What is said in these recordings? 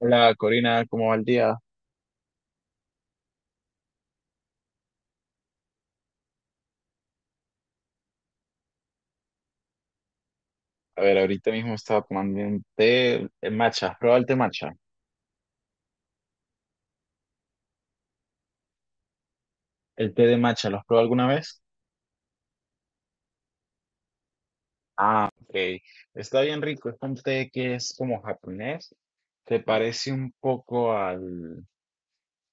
Hola Corina, ¿cómo va el día? A ver, ahorita mismo estaba tomando un té matcha. ¿Has probado el té matcha? El té de matcha, ¿lo has probado alguna vez? Ok, está bien rico. Es un té que es como japonés. Te parece un poco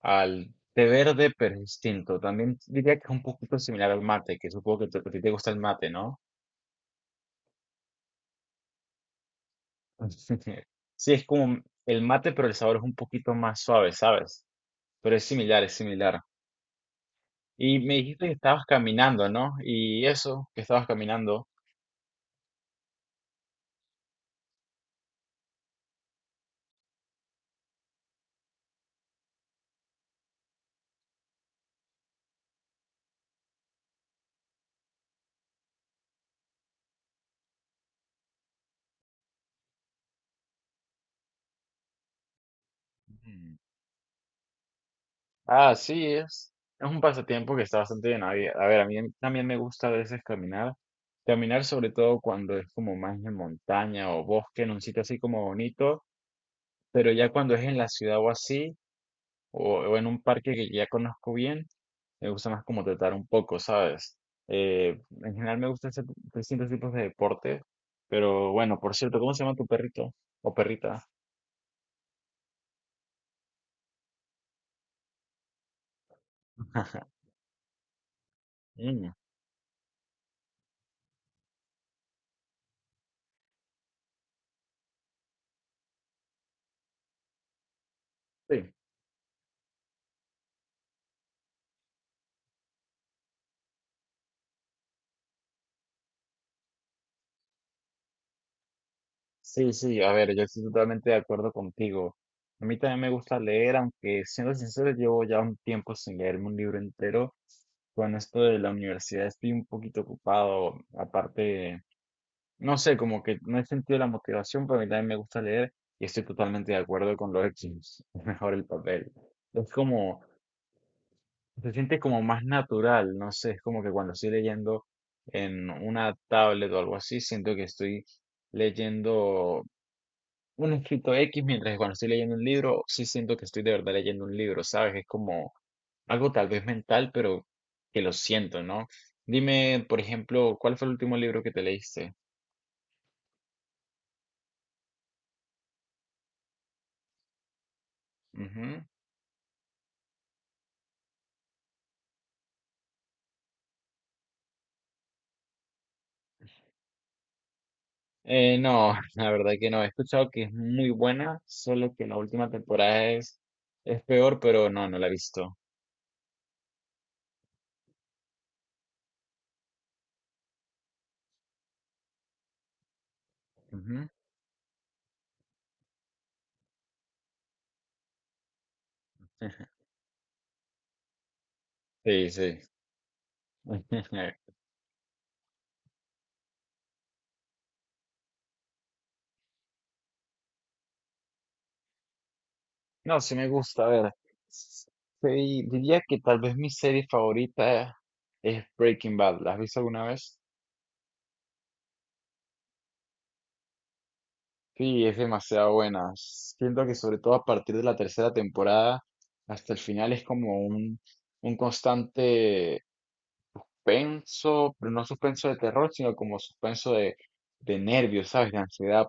al té verde, pero es distinto. También diría que es un poquito similar al mate, que supongo que a ti te gusta el mate, ¿no? Sí, es como el mate, pero el sabor es un poquito más suave, ¿sabes? Pero es similar, es similar. Y me dijiste que estabas caminando, ¿no? Y eso, que estabas caminando. Ujú. Ah, es un pasatiempo que está bastante bien. A ver, a ver, a mí también me gusta a veces caminar. Caminar sobre todo cuando es como más en montaña o bosque, en un sitio así como bonito, pero ya cuando es en la ciudad o así, o en un parque que ya conozco bien, me gusta más como tratar un poco, ¿sabes? En general me gustan hacer distintos tipos de deporte, pero bueno, por cierto, ¿cómo se llama tu perrito o perrita? Mm. Sí, sí, sí, a ver, yo estoy totalmente de acuerdo contigo. A mí también me gusta leer, aunque siendo sincero, llevo ya un tiempo sin leerme un libro entero. Con esto de la universidad estoy un poquito ocupado. Aparte, no sé, como que no he sentido la motivación, pero a mí también me gusta leer y estoy totalmente de acuerdo con los hechos. Es mejor el papel. Es como, Se siente como más natural, no sé, es como que cuando estoy leyendo en una tablet o algo así, siento que estoy leyendo un escrito X, mientras que cuando estoy leyendo un libro, sí siento que estoy de verdad leyendo un libro, ¿sabes? Es como algo tal vez mental, pero que lo siento, ¿no? Dime, por ejemplo, ¿cuál fue el último libro que te leíste? Ujú. No, la verdad que no. He escuchado que es muy buena, solo que la última es peor, pero no, no la he visto. Ujú. Sí, sí. No, sí me gusta, a ver. Sí, diría que tal vez mi serie favorita es Breaking Bad. ¿La has visto alguna vez? Sí, es demasiado buena. Siento que sobre todo a partir de la tercera temporada hasta el final es como un constante penso, pero no suspenso de terror, sino como suspenso de nervios, ¿sabes? De ansiedad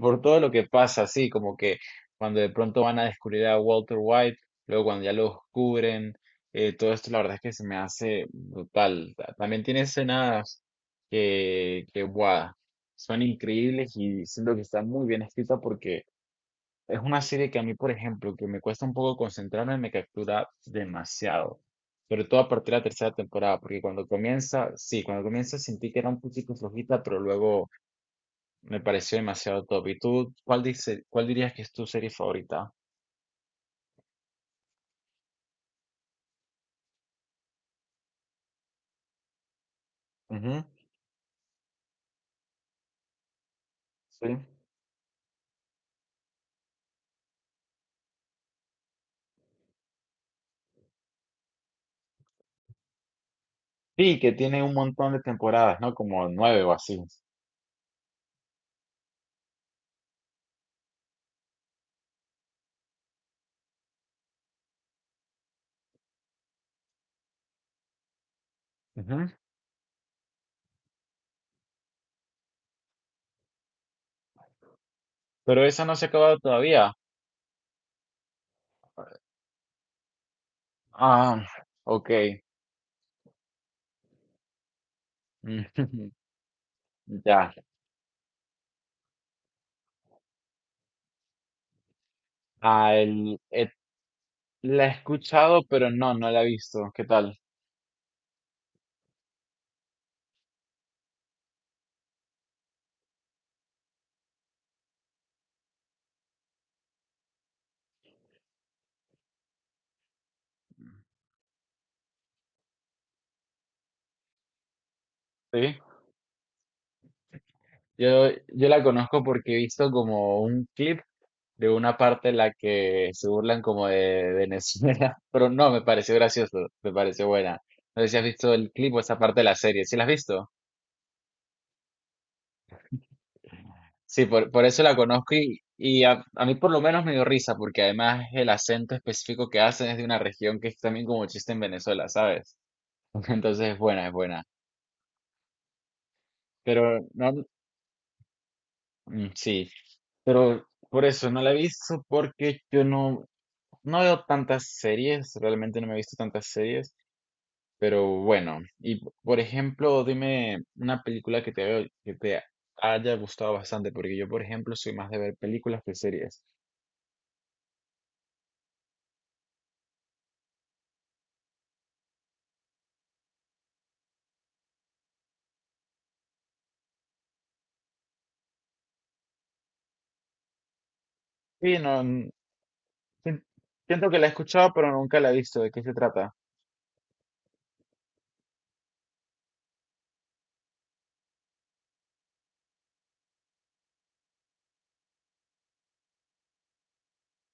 por todo lo que pasa, sí, como que cuando de pronto van a descubrir a Walter White, luego cuando ya lo descubren, todo esto la verdad es que se me hace brutal. También tiene escenas que guau, son increíbles y siento que está muy bien escrita porque es una serie que a mí, por ejemplo, que me cuesta un poco concentrarme, me captura demasiado. Sobre todo a partir de la tercera temporada, porque cuando comienza, sí, cuando comienza sentí que era un poquito flojita, pero luego me pareció demasiado top. ¿Y tú cuál dice, cuál dirías que es tu serie favorita? Ujú. Sí. Sí, que tiene un montón de temporadas, ¿no? Como nueve o así. Ujú. Pero esa no se ha acabado todavía. Ah, ok. Ya. Ah, el- eh, la he escuchado, pero no, no la he visto. ¿Qué tal? Sí. Yo la conozco porque he visto como un clip de una parte en la que se burlan como de Venezuela, pero no, me pareció gracioso, me pareció buena. No sé si has visto el clip o esa parte de la serie, ¿sí la has visto? Sí, por eso la conozco y a mí por lo menos me dio risa, porque además el acento específico que hacen es de una región que es también como chiste en Venezuela, ¿sabes? Entonces es buena, es buena. Pero no, sí, por eso no la he visto porque yo no, no veo tantas series, realmente no me he visto tantas series, pero bueno. Y por ejemplo, dime una película que te haya gustado bastante, porque yo, por ejemplo, soy más de ver películas que series. Sí, no, n- sien- siento que la he escuchado, pero nunca la he visto. ¿De qué se trata?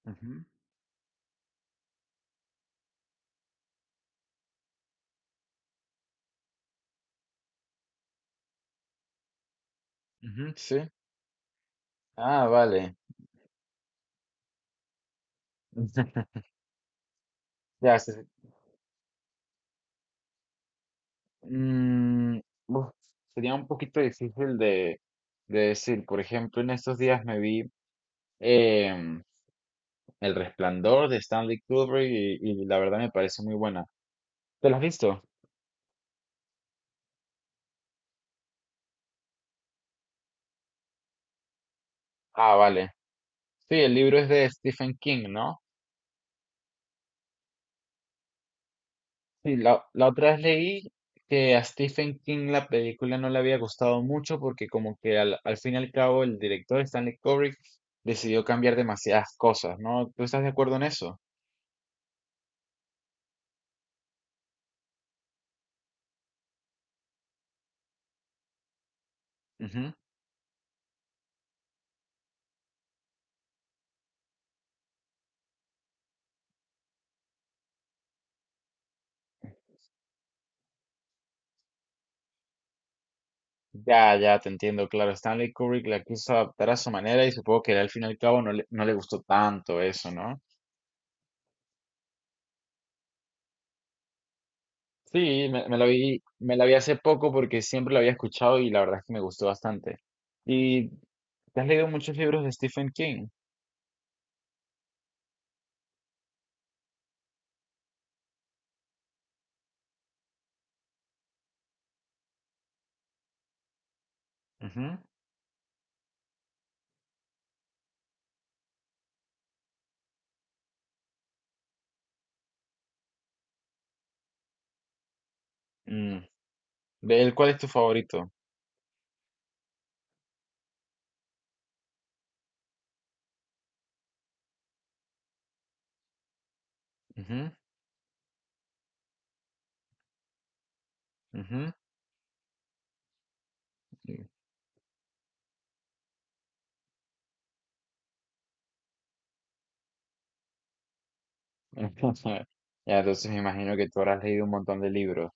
Ujú, ujú. Sí. Ah, vale. Ya, sí, sí. Mm, uf, sería un poquito difícil de decir. Por ejemplo, en estos días me vi. em, El Resplandor de Stanley Kubrick y la verdad me parece muy buena. ¿Te la has visto? Ah, vale. Sí, el libro es de Stephen King, ¿no? Sí, la otra vez leí que a Stephen King la película no le había gustado mucho porque como que al fin y al cabo el director Stanley Kubrick decidió cambiar demasiadas cosas, ¿no? ¿Tú estás de acuerdo en eso? Ujú. Ya, ya, te entiendo, claro. Stanley Kubrick la quiso adaptar a su manera y supongo que al fin y al cabo no le gustó tanto eso, ¿no? Sí, me la vi hace poco porque siempre la había escuchado y la verdad es que me gustó bastante. ¿Y te has leído muchos libros de Stephen King? Ujú. Mm, ¿de él cuál es tu favorito? Ujú, ujú. Ya, entonces me imagino que tú habrás leído un montón de libros.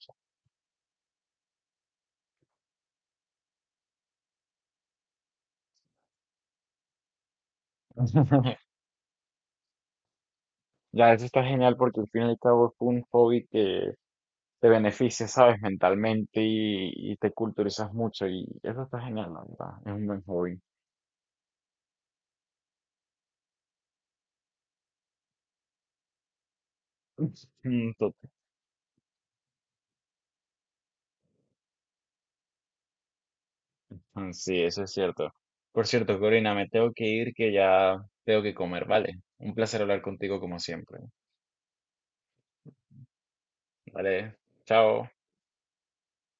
Ya, eso está genial porque al fin y al cabo es un hobby que te beneficia, ¿sabes? Mentalmente y te culturizas mucho y eso está genial, la verdad. Es un buen hobby. Mm. Mm. Sí, eso es cierto. Por cierto, Corina, me tengo que ir que ya tengo que comer, ¿vale? Un placer hablar contigo como siempre. Vale, chao.